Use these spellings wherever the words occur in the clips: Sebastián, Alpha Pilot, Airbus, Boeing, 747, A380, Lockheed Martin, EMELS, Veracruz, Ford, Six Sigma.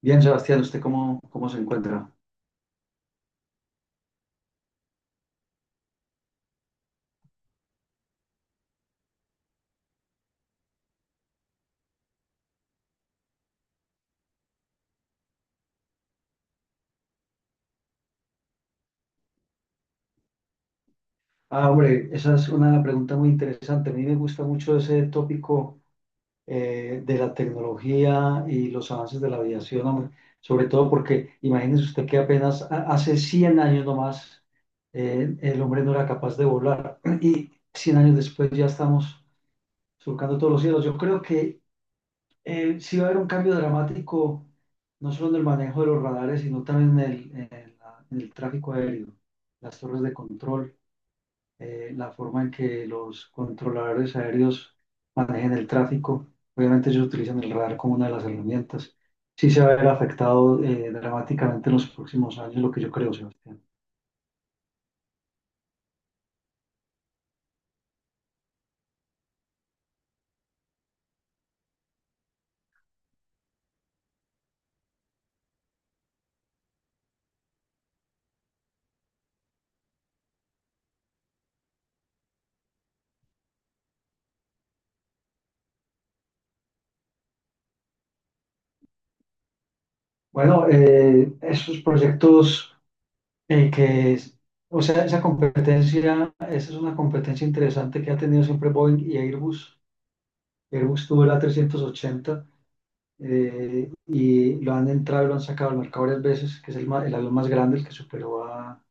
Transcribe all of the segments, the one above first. Bien, Sebastián, ¿usted cómo se encuentra? Ah, hombre, esa es una pregunta muy interesante. A mí me gusta mucho ese tópico, de la tecnología y los avances de la aviación, hombre. Sobre todo porque imagínese usted que apenas hace 100 años nomás, el hombre no era capaz de volar y 100 años después ya estamos surcando todos los cielos. Yo creo que sí va a haber un cambio dramático, no solo en el manejo de los radares, sino también en el tráfico aéreo, las torres de control, la forma en que los controladores aéreos manejen el tráfico. Obviamente ellos utilizan el radar como una de las herramientas. Sí se va a ver afectado dramáticamente en los próximos años, lo que yo creo, Sebastián. Bueno, esos proyectos eh, que... es- o sea, esa competencia, esa es una competencia interesante que ha tenido siempre Boeing y Airbus. Airbus tuvo el A380, y lo han entrado y lo han sacado al mercado varias veces, que es el avión más grande, el que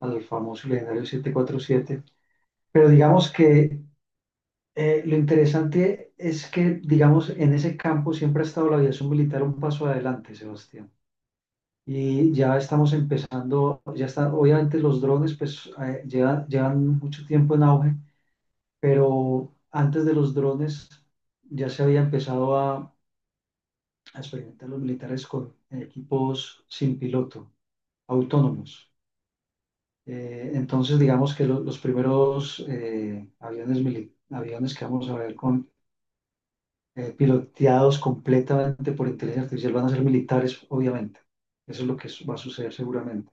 al famoso y legendario 747. Pero digamos que lo interesante es que, digamos, en ese campo siempre ha estado la aviación militar un paso adelante, Sebastián. Y ya estamos empezando, ya están, obviamente los drones pues llevan mucho tiempo en auge, pero antes de los drones ya se había empezado a experimentar los militares con equipos sin piloto, autónomos. Entonces, digamos que los primeros aviones que vamos a ver con, piloteados completamente por inteligencia artificial van a ser militares, obviamente. Eso es lo que va a suceder seguramente.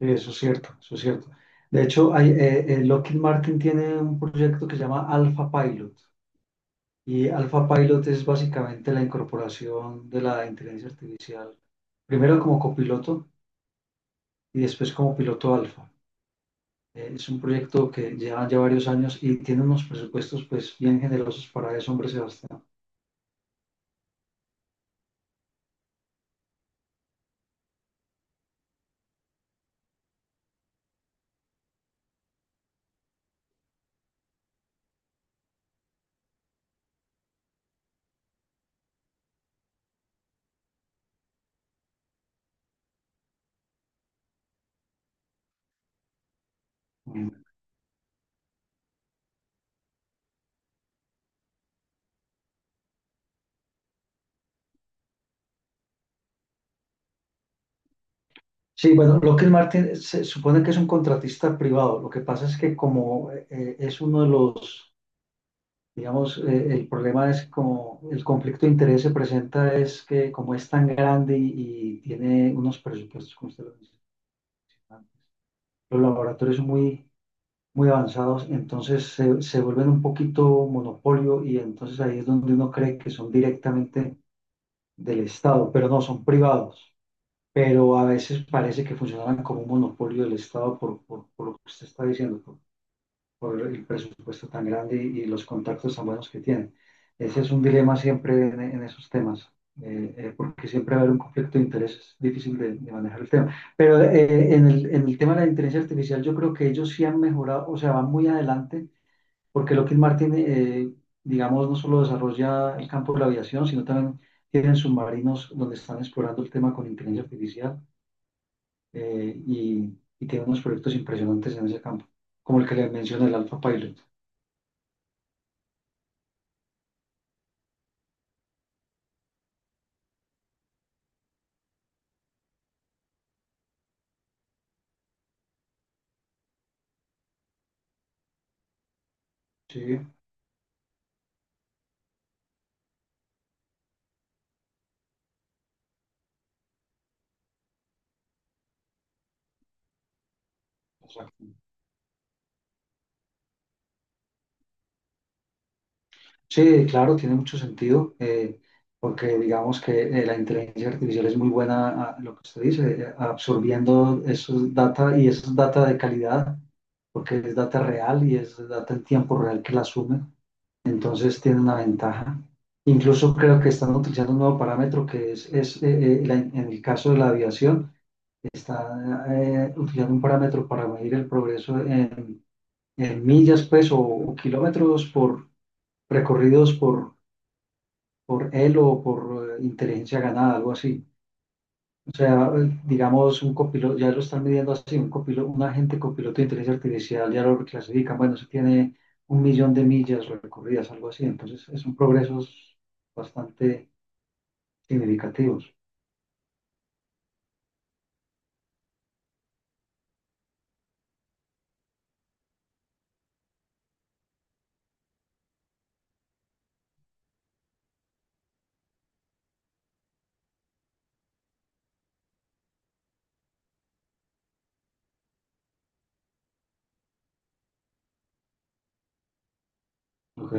Sí, eso es cierto, eso es cierto. De hecho, Lockheed Martin tiene un proyecto que se llama Alpha Pilot. Y Alpha Pilot es básicamente la incorporación de la inteligencia artificial, primero como copiloto y después como piloto alfa. Es un proyecto que lleva ya varios años y tiene unos presupuestos pues bien generosos para eso, hombre Sebastián. Sí, bueno, Lockheed Martin se supone que es un contratista privado. Lo que pasa es que como es uno de los, digamos, el problema es como el conflicto de interés se presenta es que como es tan grande y tiene unos presupuestos, como usted lo dice, los laboratorios muy avanzados, entonces se vuelven un poquito monopolio y entonces ahí es donde uno cree que son directamente del Estado, pero no, son privados. Pero a veces parece que funcionan como un monopolio del Estado por lo que usted está diciendo, por el presupuesto tan grande y los contactos tan buenos que tienen. Ese es un dilema siempre en esos temas, porque siempre va a haber un conflicto de intereses difícil de manejar el tema. Pero en en el tema de la inteligencia artificial, yo creo que ellos sí han mejorado, o sea, van muy adelante porque Lockheed Martin, digamos, no solo desarrolla el campo de la aviación, sino también tienen submarinos donde están explorando el tema con inteligencia artificial eh, y, y tienen unos proyectos impresionantes en ese campo, como el que le mencioné, el Alpha Pilot. Sí, exacto. Sí, claro, tiene mucho sentido, porque digamos que la inteligencia artificial es muy buena, a, lo que usted dice, absorbiendo esos data y esos data de calidad, porque es data real y es data en tiempo real que la asume. Entonces tiene una ventaja. Incluso creo que están utilizando un nuevo parámetro que es en el caso de la aviación, está utilizando un parámetro para medir el progreso en millas, pues, o o kilómetros por recorridos por él o por inteligencia ganada, algo así. O sea, digamos, un copiloto, ya lo están midiendo así, un copiloto, un agente copiloto de inteligencia artificial, ya lo clasifican, bueno, se tiene 1.000.000 de millas recorridas, algo así, entonces son progresos bastante significativos. ¿Ok?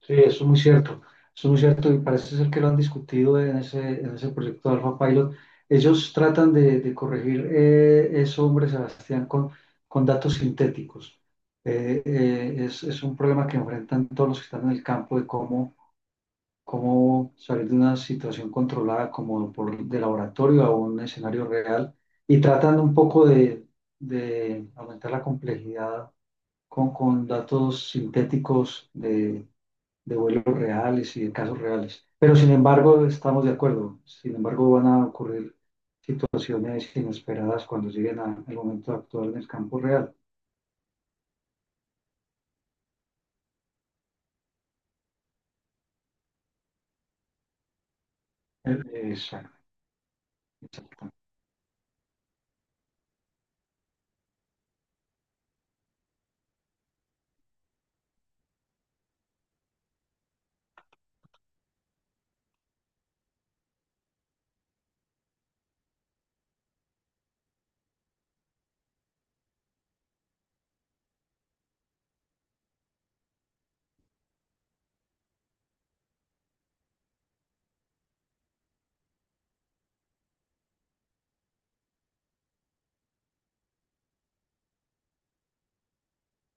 Sí, eso es muy cierto, eso es muy cierto y parece ser que lo han discutido en ese proyecto de Alpha Pilot. Ellos tratan de corregir eso, hombre, Sebastián, con datos sintéticos. Es un problema que enfrentan todos los que están en el campo de cómo salir de una situación controlada como por, de laboratorio a un escenario real y tratando un poco de aumentar la complejidad con datos sintéticos de vuelos reales y de casos reales. Pero sin embargo, estamos de acuerdo, sin embargo van a ocurrir situaciones inesperadas cuando lleguen al momento actual del campo real. Exacto. Exacto.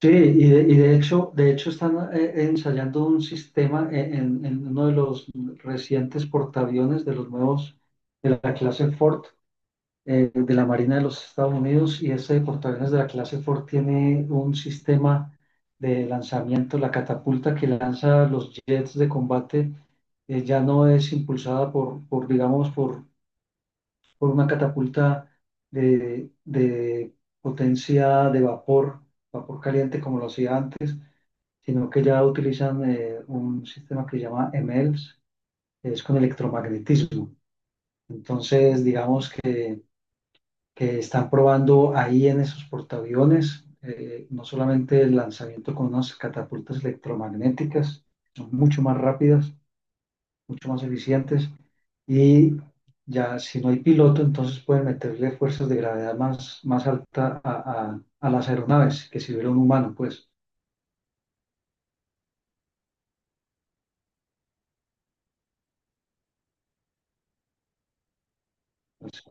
Sí, y de hecho están ensayando un sistema en uno de los recientes portaaviones de los nuevos de la clase Ford, de la Marina de los Estados Unidos, y ese portaaviones de la clase Ford tiene un sistema de lanzamiento, la catapulta que lanza los jets de combate, ya no es impulsada por digamos, por una catapulta de potencia de vapor, vapor caliente como lo hacía antes, sino que ya utilizan un sistema que se llama EMELS, que es con electromagnetismo. Entonces, digamos que están probando ahí en esos portaaviones no solamente el lanzamiento con unas catapultas electromagnéticas, son mucho más rápidas, mucho más eficientes, y ya si no hay piloto, entonces pueden meterle fuerzas de gravedad más, más alta a, a las aeronaves que si hubiera un humano, pues. Pues,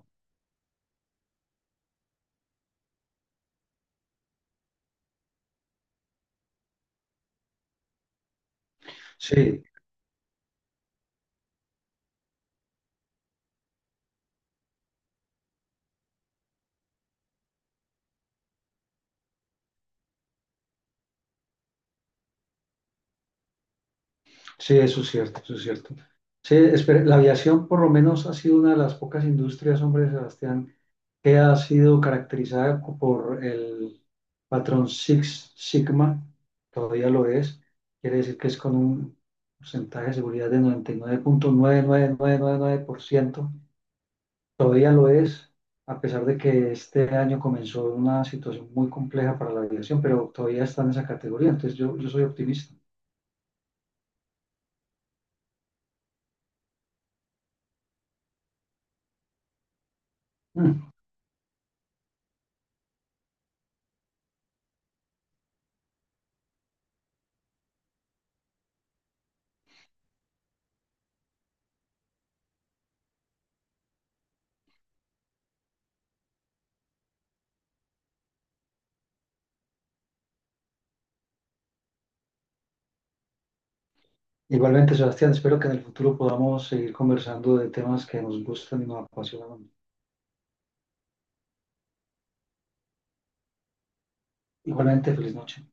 sí. Sí, eso es cierto, eso es cierto. Sí, espere, la aviación por lo menos ha sido una de las pocas industrias, hombre, Sebastián, que ha sido caracterizada por el patrón Six Sigma, todavía lo es, quiere decir que es con un porcentaje de seguridad de 99.99999%, todavía lo es, a pesar de que este año comenzó una situación muy compleja para la aviación, pero todavía está en esa categoría, entonces yo soy optimista. Mm. Igualmente, Sebastián, espero que en el futuro podamos seguir conversando de temas que nos gustan y nos apasionan. Igualmente, feliz noche.